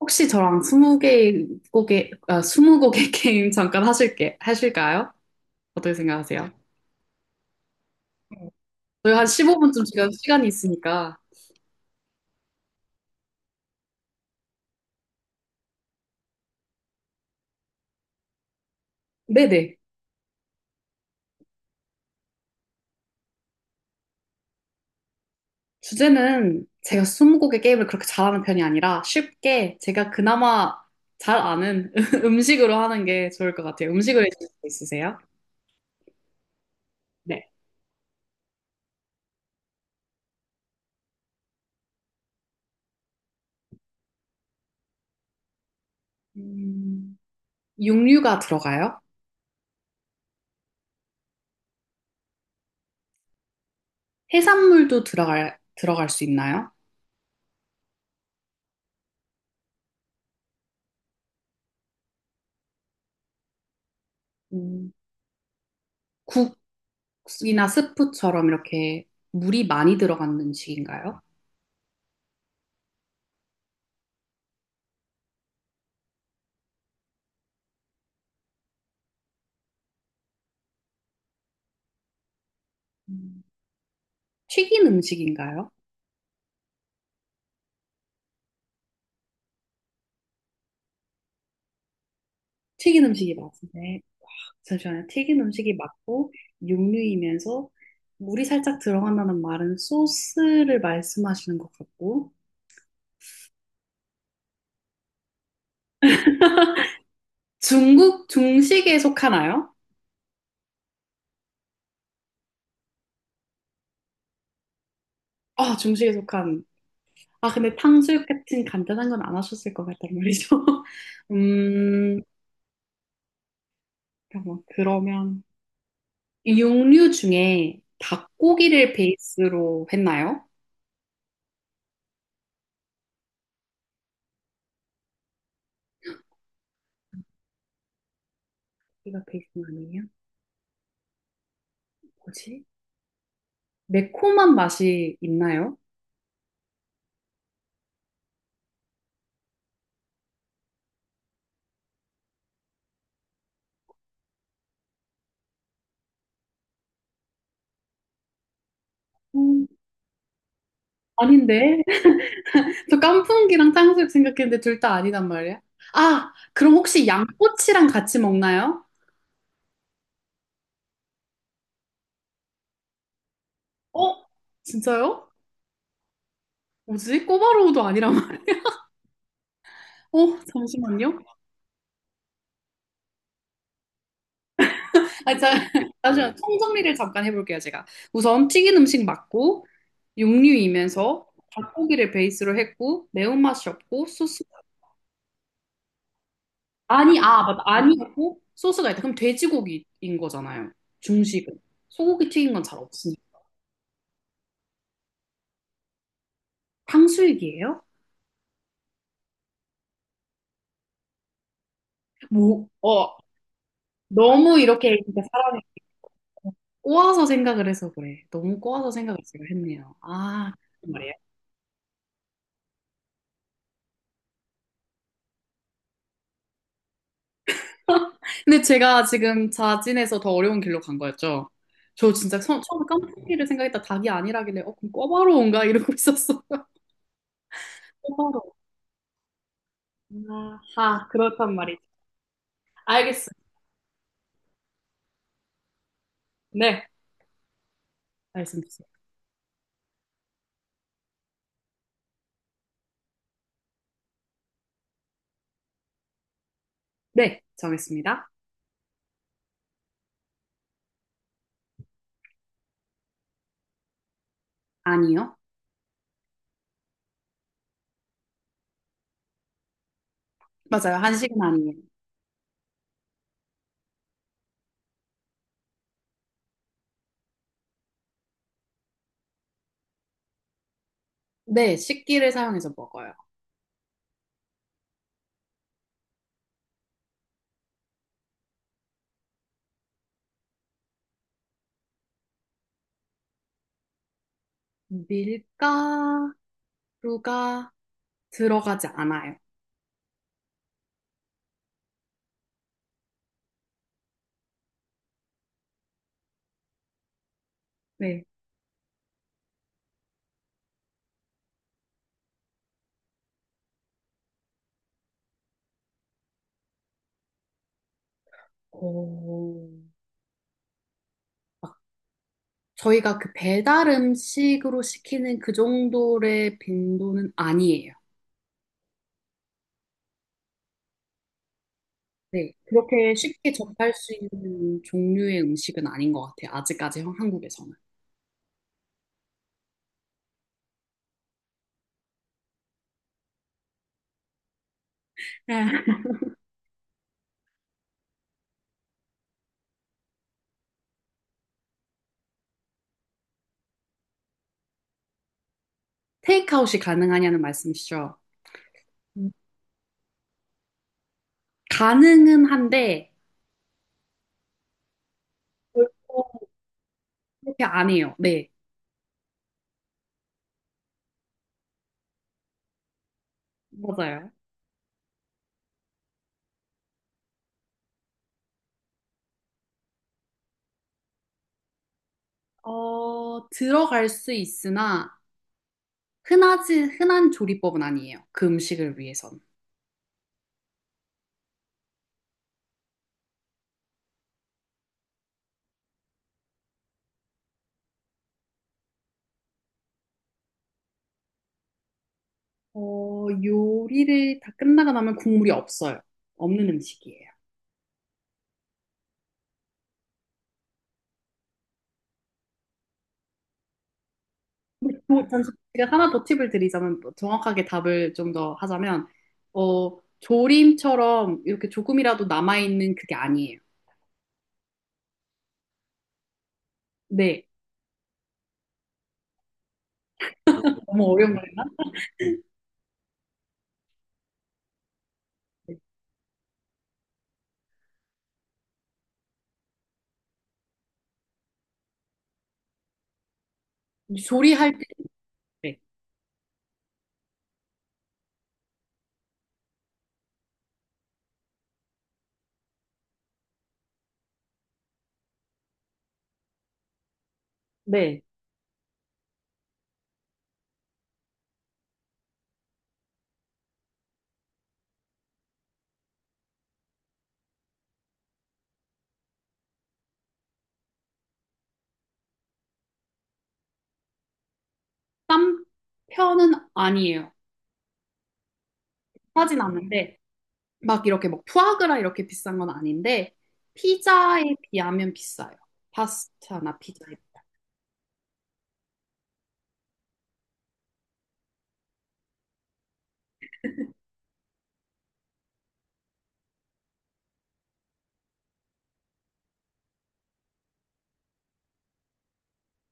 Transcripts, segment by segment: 혹시 저랑 스무 개 곡의 스무 곡의 게임 잠깐 하실게 하실까요? 어떻게 생각하세요? 저희 한 15분쯤 지금 시간이 있으니까. 네네. 주제는 제가 스무 곡의 게임을 그렇게 잘하는 편이 아니라 쉽게 제가 그나마 잘 아는 음식으로 하는 게 좋을 것 같아요. 음식을 해주실 수 있으세요? 네. 음, 육류가 들어가요? 해산물도 들어갈 수 있나요? 음, 국이나 스프처럼 이렇게 물이 많이 들어간 음식인가요? 음, 튀긴 음식인가요? 튀긴 음식이 맞은데 잠시만요. 튀긴 음식이 맞고 육류이면서 물이 살짝 들어간다는 말은 소스를 말씀하시는 것 같고 중국 중식에 속하나요? 아, 중식에 속한. 아, 근데 탕수육 같은 간단한 건 안 하셨을 것 같단 말이죠. 음, 잠깐만. 그러면 육류 중에 닭고기를 베이스로 했나요? 고기가 베이스는 아니에요? 뭐지? 매콤한 맛이 있나요? 음, 아닌데. 저 깐풍기랑 탕수육 생각했는데 둘 다 아니단 말이야. 아, 그럼 혹시 양꼬치랑 같이 먹나요? 어? 진짜요? 뭐지? 꼬바로우도 아니란 말. 어, 잠시만요. 아, 자, 잠시만. 총정리를 잠깐 해볼게요, 제가. 우선 튀긴 음식 맞고, 육류이면서 닭고기를 베이스로 했고, 매운맛이 없고, 소스. 아니, 아, 맞다. 아니었고, 소스가 있다. 그럼 돼지고기인 거잖아요. 중식은. 소고기 튀긴 건 잘 없으니까. 탕수육이에요? 뭐, 어, 너무 이렇게 진짜 사람이 꼬아서 생각을 해서 그래. 너무 꼬아서 생각을 지금 했네요. 아, 무슨 말이에요? 근데 제가 지금 자진해서 더 어려운 길로 간 거였죠. 저 진짜 처음에 깐풍기를 생각했다 닭이 아니라길래 어, 그럼 꿔바로 온가 이러고 있었어요. 꿔바로. 아하, 그렇단 말이죠. 알겠어. 네, 말씀 주세요. 네, 정했습니다. 아니요. 맞아요. 한식은 아니에요. 네, 식기를 사용해서 먹어요. 밀가루가 들어가지 않아요. 네. 오, 저희가 그 배달 음식으로 시키는 그 정도의 빈도는 아니에요. 네. 그렇게 쉽게 접할 수 있는 종류의 음식은 아닌 것 같아요. 아직까지 한국에서는. 네. 테이크아웃이 가능하냐는 말씀이시죠? 음. 가능은 한데, 결코 그렇게 안 해요. 네. 맞아요. 어, 들어갈 수 있으나, 흔한 조리법은 아니에요. 그 음식을 위해서. 어, 요리를 다 끝나고 나면 국물이 없어요. 없는 음식이에요. 뭐, 잠시 제가 하나 더 팁을 드리자면 뭐 정확하게 답을 좀 더 하자면 어, 조림처럼 이렇게 조금이라도 남아있는 그게 아니에요. 네. 너무 어려운 거 같아요. 조리할 때 네. 네. 쌈 편은 아니에요. 하진 않는데 막 이렇게 뭐 푸아그라 이렇게 비싼 건 아닌데 피자에 비하면 비싸요. 파스타나 피자에.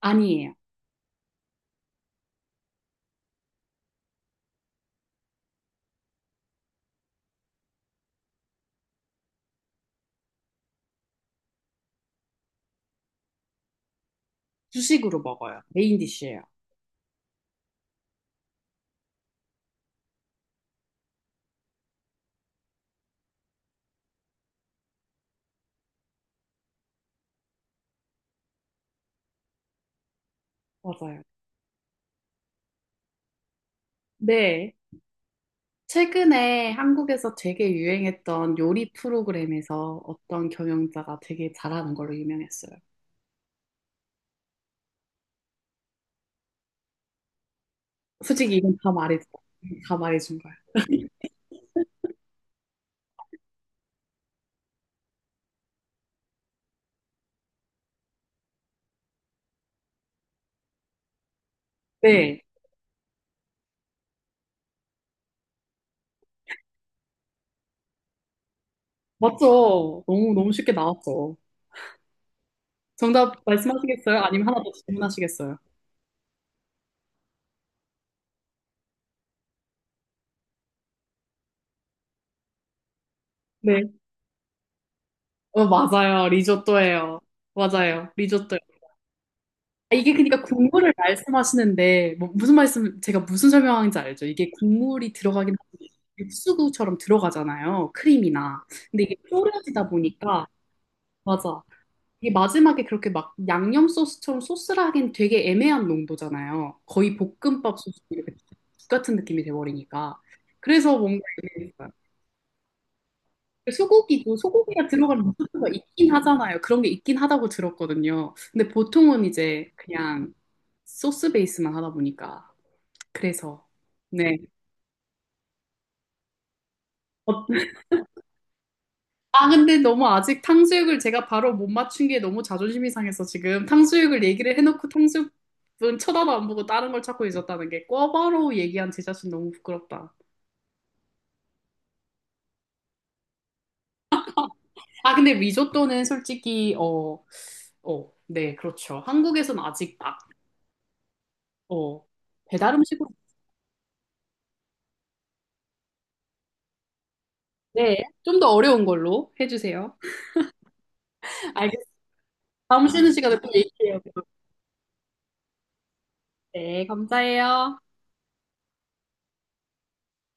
아니에요. 주식으로 먹어요. 메인 디쉬예요. 맞아요. 네. 최근에 한국에서 되게 유행했던 요리 프로그램에서 어떤 경영자가 되게 잘하는 걸로 유명했어요. 솔직히 다 말해준 거예요. 네. 맞죠? 너무, 너무 쉽게 나왔죠. 정답 말씀하시겠어요? 아니면 하나 더 질문하시겠어요? 네. 어, 맞아요. 리조또예요. 맞아요. 리조또. 아, 이게 그러니까 국물을 말씀하시는데 뭐 무슨 말씀 제가 무슨 설명하는지 알죠? 이게 국물이 들어가긴 하는데 육수구처럼 들어가잖아요. 크림이나. 근데 이게 졸여지다 보니까 맞아. 이게 마지막에 그렇게 막 양념 소스처럼 소스라 하긴 되게 애매한 농도잖아요. 거의 볶음밥 소스 이렇게 죽 같은 느낌이 돼버리니까. 그래서 뭔가 애매했어요. 소고기도 소고기가 들어가는 소스가 있긴 하잖아요. 그런 게 있긴 하다고 들었거든요. 근데 보통은 이제 그냥 소스 베이스만 하다 보니까. 그래서, 네. 어, 아, 근데 너무 아직 탕수육을 제가 바로 못 맞춘 게 너무 자존심이 상해서 지금 탕수육을 얘기를 해놓고 탕수육은 쳐다도 안 보고 다른 걸 찾고 있었다는 게 꿔바로 얘기한 제 자신 너무 부끄럽다. 아, 근데 리조또는 솔직히, 어, 어, 네, 그렇죠. 한국에선 아직 막, 어, 배달 음식으로, 네, 좀 더 어려운 걸로 해주세요. 알겠습니다. 다음 쉬는 시간에 또 얘기해요. 네, 감사해요.